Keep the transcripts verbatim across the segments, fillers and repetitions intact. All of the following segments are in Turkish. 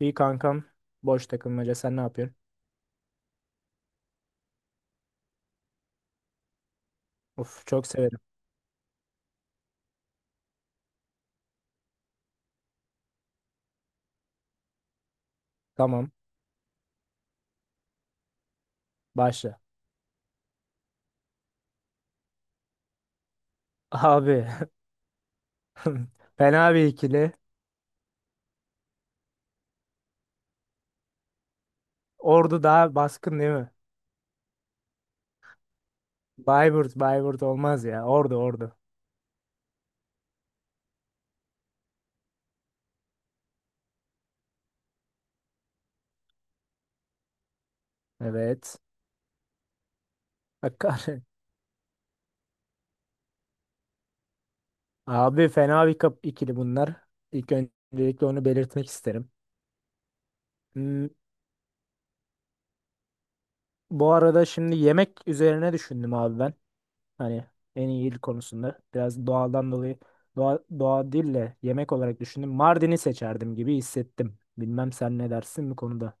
İyi kankam. Boş takılmaca. Sen ne yapıyorsun? Uf çok severim. Tamam. Başla. Abi. Fena bir ikili. Ordu daha baskın değil mi? Bayburt. Bayburt olmaz ya. Ordu ordu. Evet. Hakkari. Abi fena bir kap ikili bunlar. İlk öncelikle onu belirtmek isterim. Hmm, bu arada şimdi yemek üzerine düşündüm abi ben. Hani en iyi il konusunda biraz doğadan dolayı doğa, doğa değil de yemek olarak düşündüm. Mardin'i seçerdim gibi hissettim. Bilmem sen ne dersin bu konuda.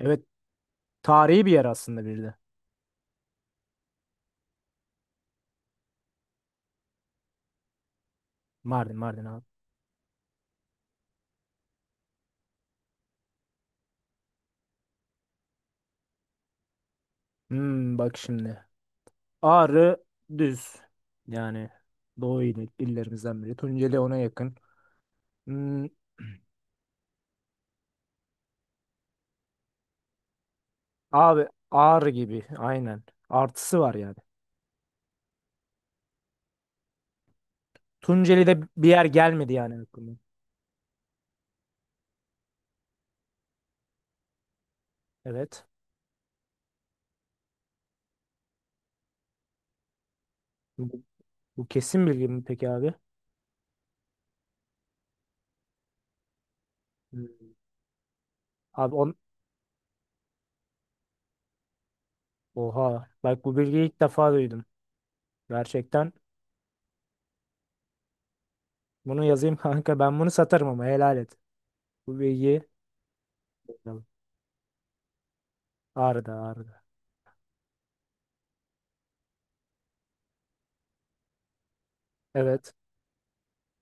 Evet, tarihi bir yer aslında bir de. Mardin Mardin abi. Hmm, bak şimdi. Ağrı düz. Yani doğu il, illerimizden biri. Tunceli ona yakın. Hmm, abi Ağrı gibi aynen. Artısı var yani. Tunceli'de bir yer gelmedi yani aklıma. Evet. Bu, bu kesin bilgi mi peki abi? Hmm. Abi, oha. Bak bu bilgiyi ilk defa duydum. Gerçekten. Bunu yazayım kanka. Ben bunu satarım ama helal et. Bu bilgiyi. Bakalım. Ağrıda ağrıda. Evet.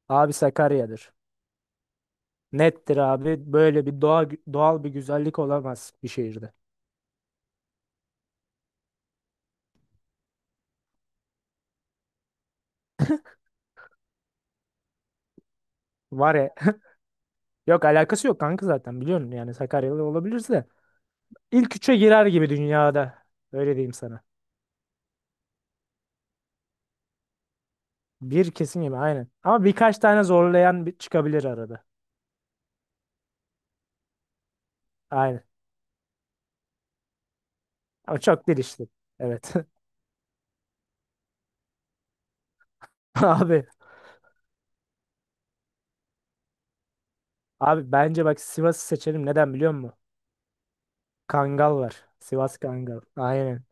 Abi Sakarya'dır. Nettir abi. Böyle bir doğa, doğal bir güzellik olamaz bir şehirde. Var ya. Yok, alakası yok kanka zaten biliyorsun. Yani Sakaryalı olabilirse. İlk üçe girer gibi dünyada. Öyle diyeyim sana. Bir kesin gibi aynen. Ama birkaç tane zorlayan bir çıkabilir arada. Aynen. Ama çok değil işte. Evet. Abi. Abi bence bak, Sivas'ı seçelim. Neden biliyor musun? Kangal var. Sivas Kangal. Aynen.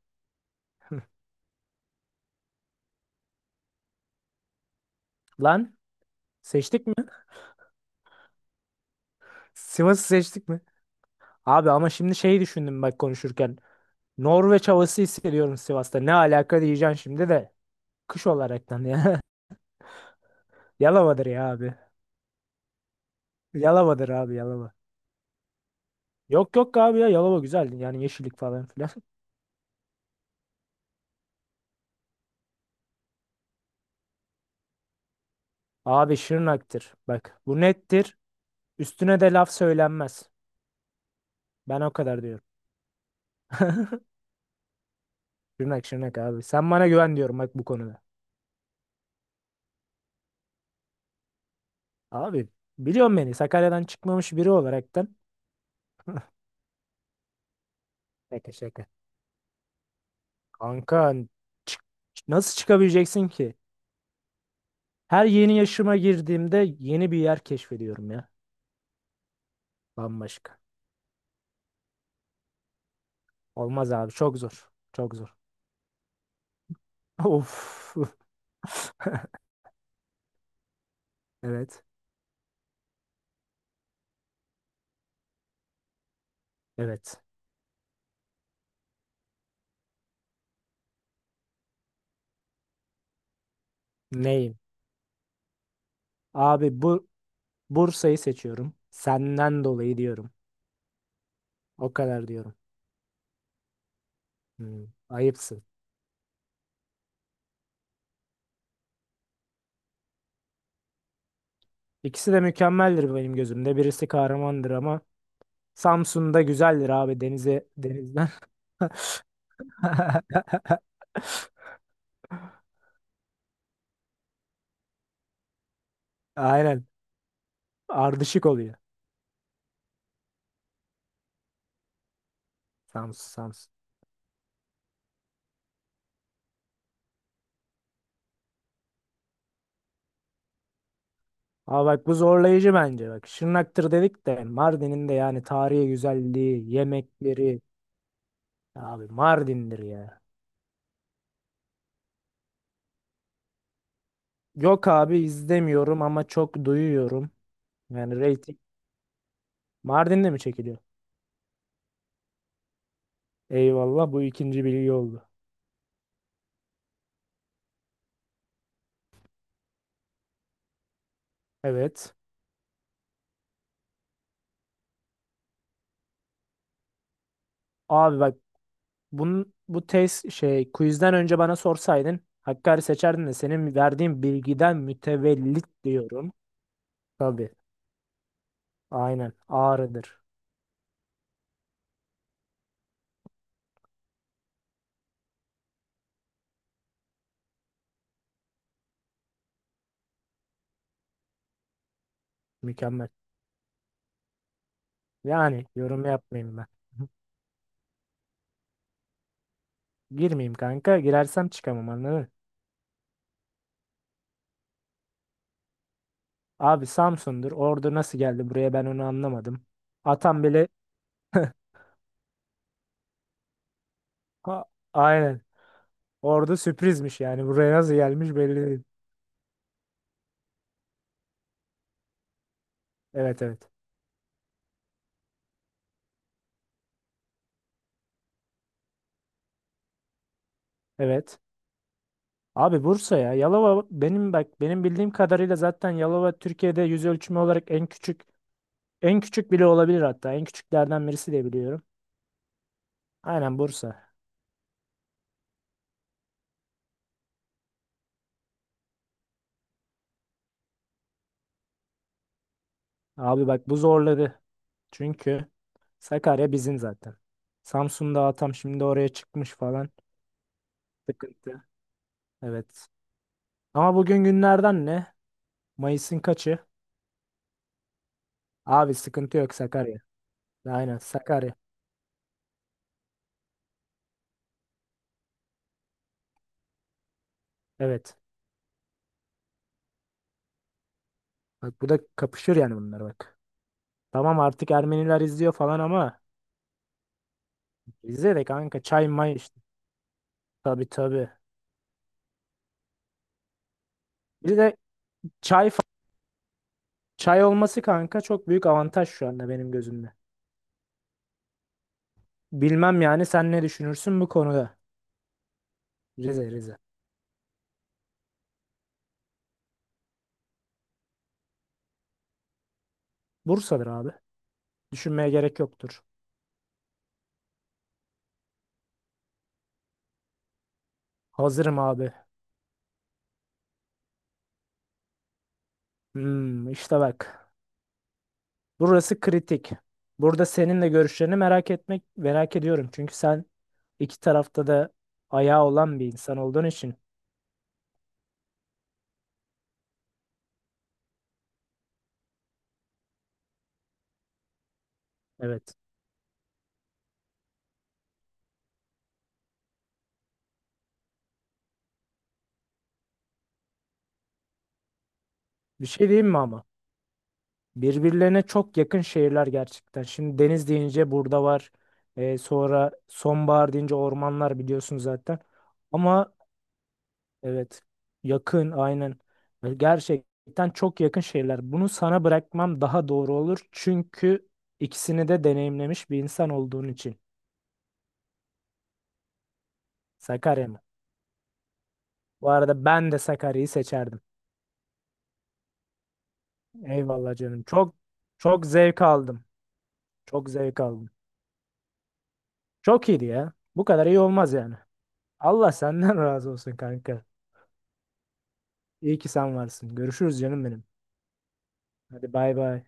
Lan, seçtik mi? Sivas'ı seçtik mi? Abi ama şimdi şeyi düşündüm bak konuşurken. Norveç havası hissediyorum Sivas'ta. Ne alaka diyeceksin şimdi de. Kış olaraktan ya. Yalova'dır ya abi. Yalova'dır abi Yalova. Yok yok abi ya, Yalova güzel. Yani yeşillik falan filan. Abi Şırnak'tır. Bak bu nettir. Üstüne de laf söylenmez. Ben o kadar diyorum. Şırnak Şırnak abi. Sen bana güven diyorum bak bu konuda. Abi, biliyorum, beni Sakarya'dan çıkmamış biri olaraktan. Şaka şaka. Kanka, çık- nasıl çıkabileceksin ki? Her yeni yaşıma girdiğimde yeni bir yer keşfediyorum ya. Bambaşka. Olmaz abi, çok zor. Çok zor. Of. Evet. Evet. Neyim? Abi bu, Bursa'yı seçiyorum. Senden dolayı diyorum. O kadar diyorum. Hmm, ayıpsın. İkisi de mükemmeldir benim gözümde. Birisi kahramandır ama Samsun'da güzeldir abi, denize deniz. Aynen. Ardışık oluyor. Samsun Samsun. Ama bak bu zorlayıcı bence. Bak Şırnak'tır dedik de Mardin'in de yani tarihi güzelliği, yemekleri. Abi Mardin'dir ya. Yok abi, izlemiyorum ama çok duyuyorum. Yani reyting. Mardin'de mi çekiliyor? Eyvallah, bu ikinci bilgi oldu. Evet. Abi bak, bunun bu test şey quizden önce bana sorsaydın Hakkari seçerdin de senin verdiğin bilgiden mütevellit diyorum. Tabii. Aynen. Ağrı'dır. Mükemmel. Yani yorum yapmayayım ben. Girmeyeyim kanka. Girersem çıkamam, anladın mı? Abi Samsun'dur. Ordu nasıl geldi buraya, ben onu anlamadım. Atam bile. Ha, aynen. Ordu sürprizmiş yani. Buraya nasıl gelmiş belli değil. Evet evet. Evet. Abi Bursa ya. Yalova benim bak, benim bildiğim kadarıyla zaten Yalova Türkiye'de yüz ölçümü olarak en küçük, en küçük bile olabilir hatta. En küçüklerden birisi de biliyorum. Aynen Bursa. Abi bak bu zorladı. Çünkü Sakarya bizim zaten. Samsun'da atam şimdi oraya çıkmış falan. Sıkıntı. Evet. Ama bugün günlerden ne? Mayıs'ın kaçı? Abi sıkıntı yok, Sakarya. Aynen Sakarya. Evet. Bak bu da kapışır yani bunlar bak. Tamam, artık Ermeniler izliyor falan ama bizde de kanka çay may işte. Tabii tabii. Bir de çay fa- çay olması kanka çok büyük avantaj şu anda benim gözümde. Bilmem yani, sen ne düşünürsün bu konuda? Rize Rize. Bursa'dır abi. Düşünmeye gerek yoktur. Hazırım abi. Hmm, işte bak. Burası kritik. Burada senin de görüşlerini merak etmek merak ediyorum. Çünkü sen iki tarafta da ayağı olan bir insan olduğun için. Evet. Bir şey diyeyim mi ama? Birbirlerine çok yakın şehirler gerçekten. Şimdi deniz deyince burada var. Ee, sonra sonbahar deyince ormanlar biliyorsun zaten. Ama. Evet. Yakın aynen. Ve gerçekten çok yakın şeyler. Bunu sana bırakmam daha doğru olur. Çünkü ikisini de deneyimlemiş bir insan olduğun için. Sakarya mı? Bu arada ben de Sakarya'yı seçerdim. Eyvallah canım. Çok, çok zevk aldım. Çok zevk aldım. Çok iyiydi ya. Bu kadar iyi olmaz yani. Allah senden razı olsun kanka. İyi ki sen varsın. Görüşürüz canım benim. Hadi bay bay.